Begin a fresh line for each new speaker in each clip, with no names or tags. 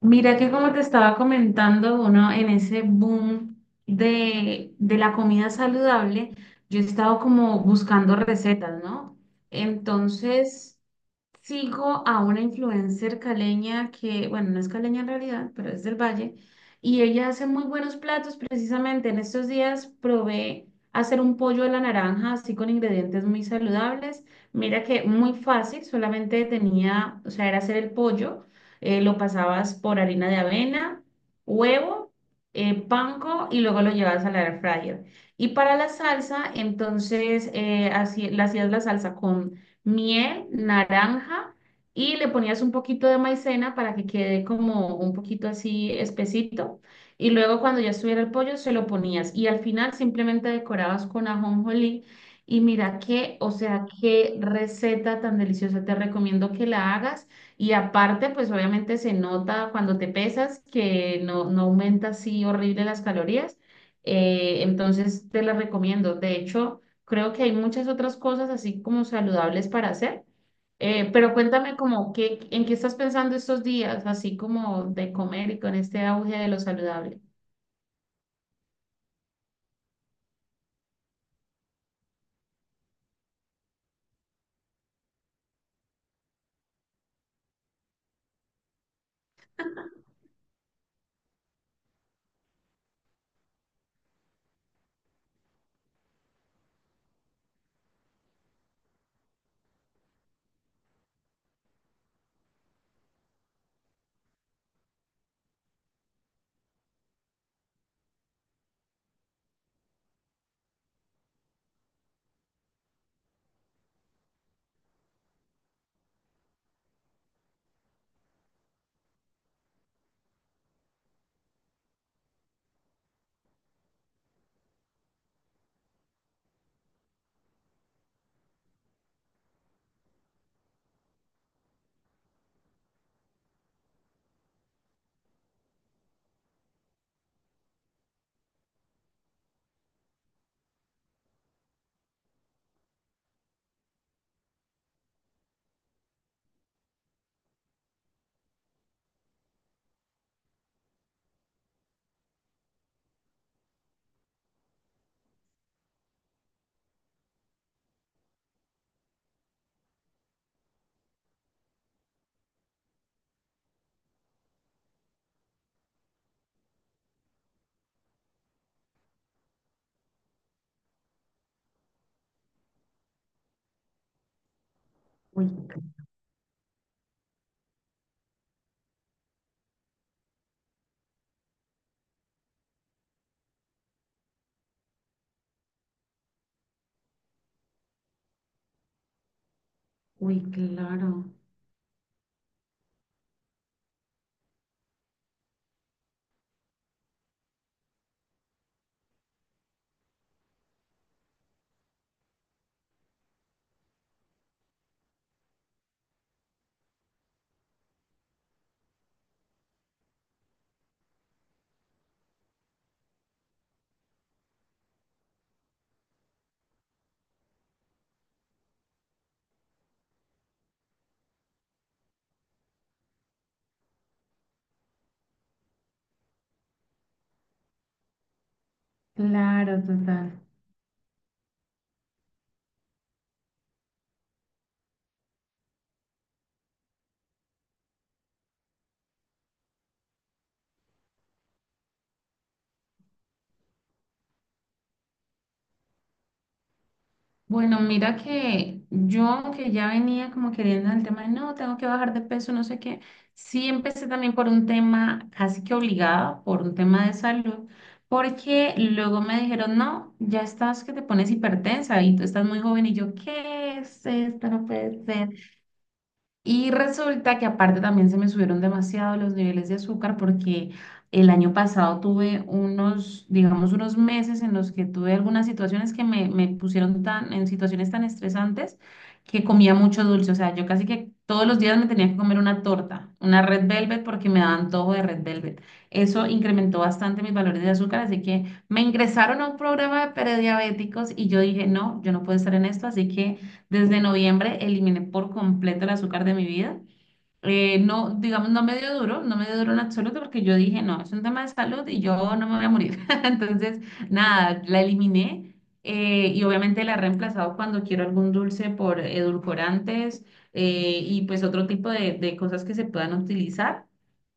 Mira que como te estaba comentando, uno en ese boom de la comida saludable, yo he estado como buscando recetas, ¿no? Entonces, sigo a una influencer caleña que, bueno, no es caleña en realidad, pero es del Valle, y ella hace muy buenos platos. Precisamente en estos días probé hacer un pollo a la naranja, así con ingredientes muy saludables. Mira que muy fácil, solamente tenía, o sea, era hacer el pollo, lo pasabas por harina de avena, huevo, panko y luego lo llevabas al air fryer. Y para la salsa, entonces, así, le hacías la salsa con miel, naranja y le ponías un poquito de maicena para que quede como un poquito así espesito. Y luego cuando ya estuviera el pollo se lo ponías y al final simplemente decorabas con ajonjolí. Y mira qué, o sea, qué receta tan deliciosa. Te recomiendo que la hagas. Y aparte, pues obviamente se nota cuando te pesas que no aumenta así horrible las calorías. Entonces te la recomiendo. De hecho, creo que hay muchas otras cosas así como saludables para hacer. Pero cuéntame como qué, en qué estás pensando estos días, así como de comer y con este auge de lo saludable. Uy, uy, claro, claro, total. Bueno, mira que yo, aunque ya venía como queriendo el tema de no, tengo que bajar de peso, no sé qué, sí empecé también por un tema casi que obligado, por un tema de salud, porque luego me dijeron, no, ya estás que te pones hipertensa y tú estás muy joven y yo, ¿qué es esto? No puede ser. Y resulta que aparte también se me subieron demasiado los niveles de azúcar porque el año pasado tuve unos, digamos, unos meses en los que tuve algunas situaciones que me pusieron tan, en situaciones tan estresantes que comía mucho dulce. O sea, yo casi que todos los días me tenía que comer una torta, una Red Velvet porque me daba antojo de Red Velvet. Eso incrementó bastante mis valores de azúcar, así que me ingresaron a un programa de prediabéticos y yo dije, no, yo no puedo estar en esto, así que... Desde noviembre eliminé por completo el azúcar de mi vida. No, digamos, no me dio duro, no me dio duro en absoluto porque yo dije, no, es un tema de salud y yo no me voy a morir. Entonces, nada, la eliminé y obviamente la he reemplazado cuando quiero algún dulce por edulcorantes y pues otro tipo de cosas que se puedan utilizar.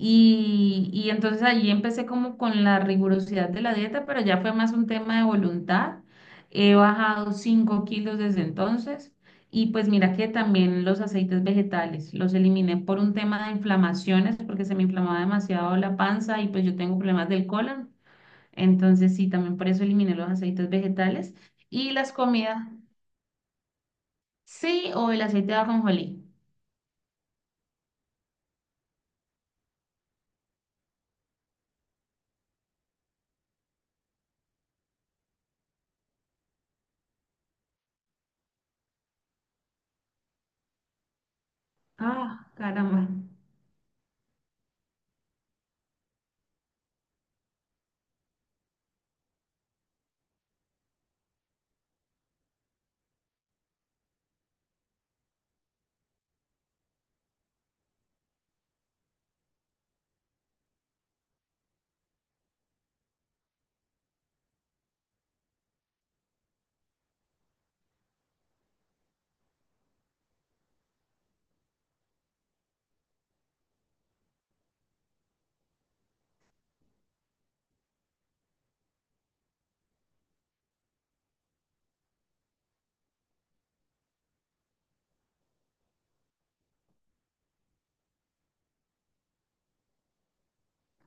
Y entonces allí empecé como con la rigurosidad de la dieta, pero ya fue más un tema de voluntad. He bajado 5 kilos desde entonces y pues mira que también los aceites vegetales los eliminé por un tema de inflamaciones porque se me inflamaba demasiado la panza y pues yo tengo problemas del colon. Entonces sí, también por eso eliminé los aceites vegetales y las comidas. Sí, o el aceite de ajonjolí. Ah, caramba.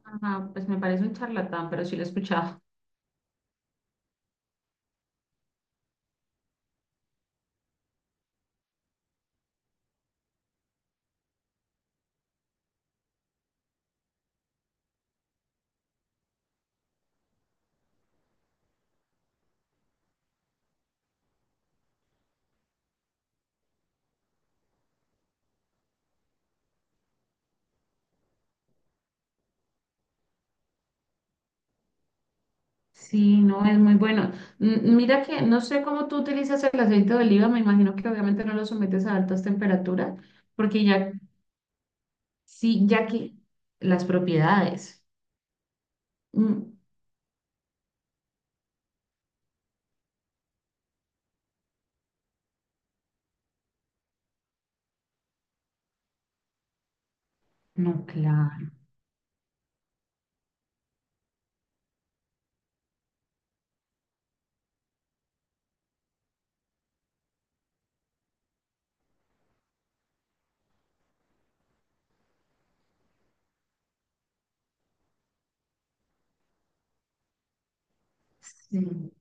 Ajá, pues me parece un charlatán, pero sí lo he escuchado. Sí, no, es muy bueno. Mira que no sé cómo tú utilizas el aceite de oliva, me imagino que obviamente no lo sometes a altas temperaturas, porque ya, sí, ya que las propiedades. Mm, no, claro. Sí.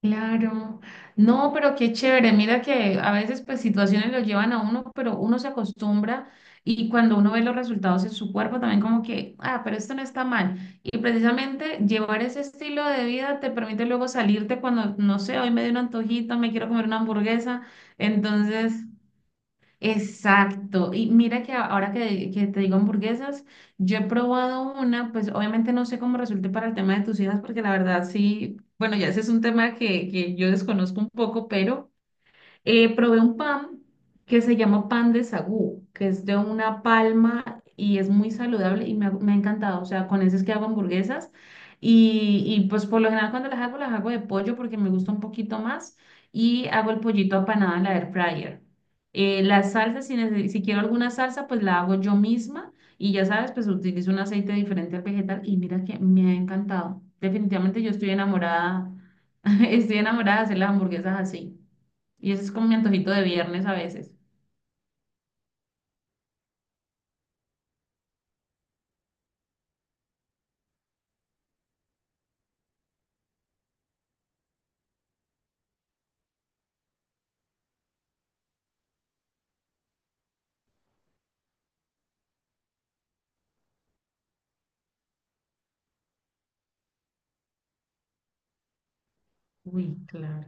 Claro, no, pero qué chévere, mira que a veces pues situaciones lo llevan a uno, pero uno se acostumbra y cuando uno ve los resultados en su cuerpo también como que, ah, pero esto no está mal. Y precisamente llevar ese estilo de vida te permite luego salirte cuando, no sé, hoy me dio un antojito, me quiero comer una hamburguesa, entonces exacto. Y mira que ahora que te digo hamburguesas, yo he probado una, pues obviamente no sé cómo resulte para el tema de tus hijas, porque la verdad sí, bueno, ya ese es un tema que yo desconozco un poco, pero... probé un pan que se llama pan de sagú, que es de una palma y es muy saludable y me ha encantado. O sea, con ese es que hago hamburguesas y pues por lo general cuando las hago de pollo porque me gusta un poquito más y hago el pollito apanado en la air fryer. La salsa, si quiero alguna salsa, pues la hago yo misma y ya sabes, pues utilizo un aceite diferente al vegetal y mira que me ha encantado. Definitivamente yo estoy enamorada, estoy enamorada de hacer las hamburguesas así. Y eso es como mi antojito de viernes a veces. Uy, claro.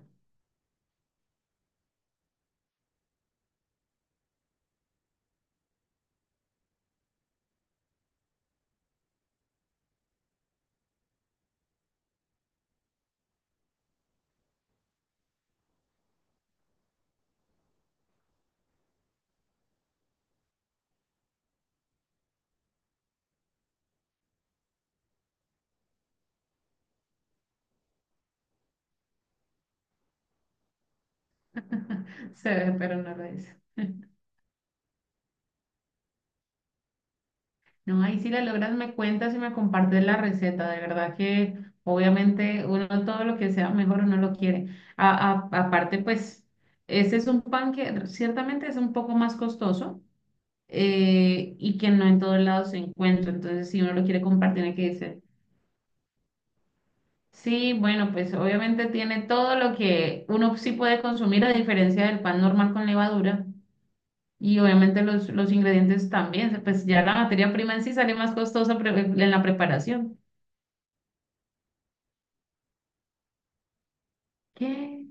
Se ve, pero no lo es. No, ahí si la logras me cuentas y me compartes la receta. De verdad que obviamente uno todo lo que sea mejor uno lo quiere. Aparte, pues, ese es un pan que ciertamente es un poco más costoso y que no en todos lados se encuentra. Entonces, si uno lo quiere compartir, tiene que decir, sí, bueno, pues obviamente tiene todo lo que uno sí puede consumir a diferencia del pan normal con levadura. Y obviamente los ingredientes también, pues ya la materia prima en sí sale más costosa en la preparación. ¿Qué?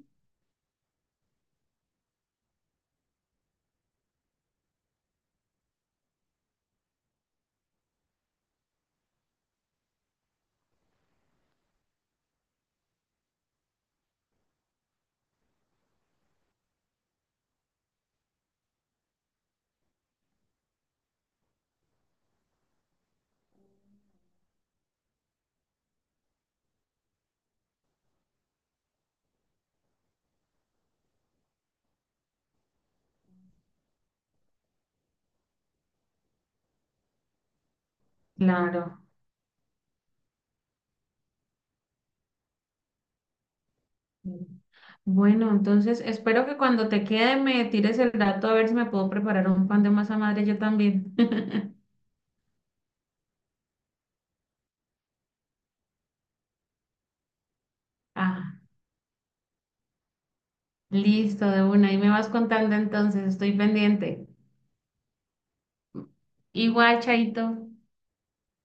Claro. Bueno, entonces espero que cuando te quede me tires el dato a ver si me puedo preparar un pan de masa madre yo también. Ah, listo, de una. Ahí me vas contando entonces, estoy pendiente. Igual, Chaito.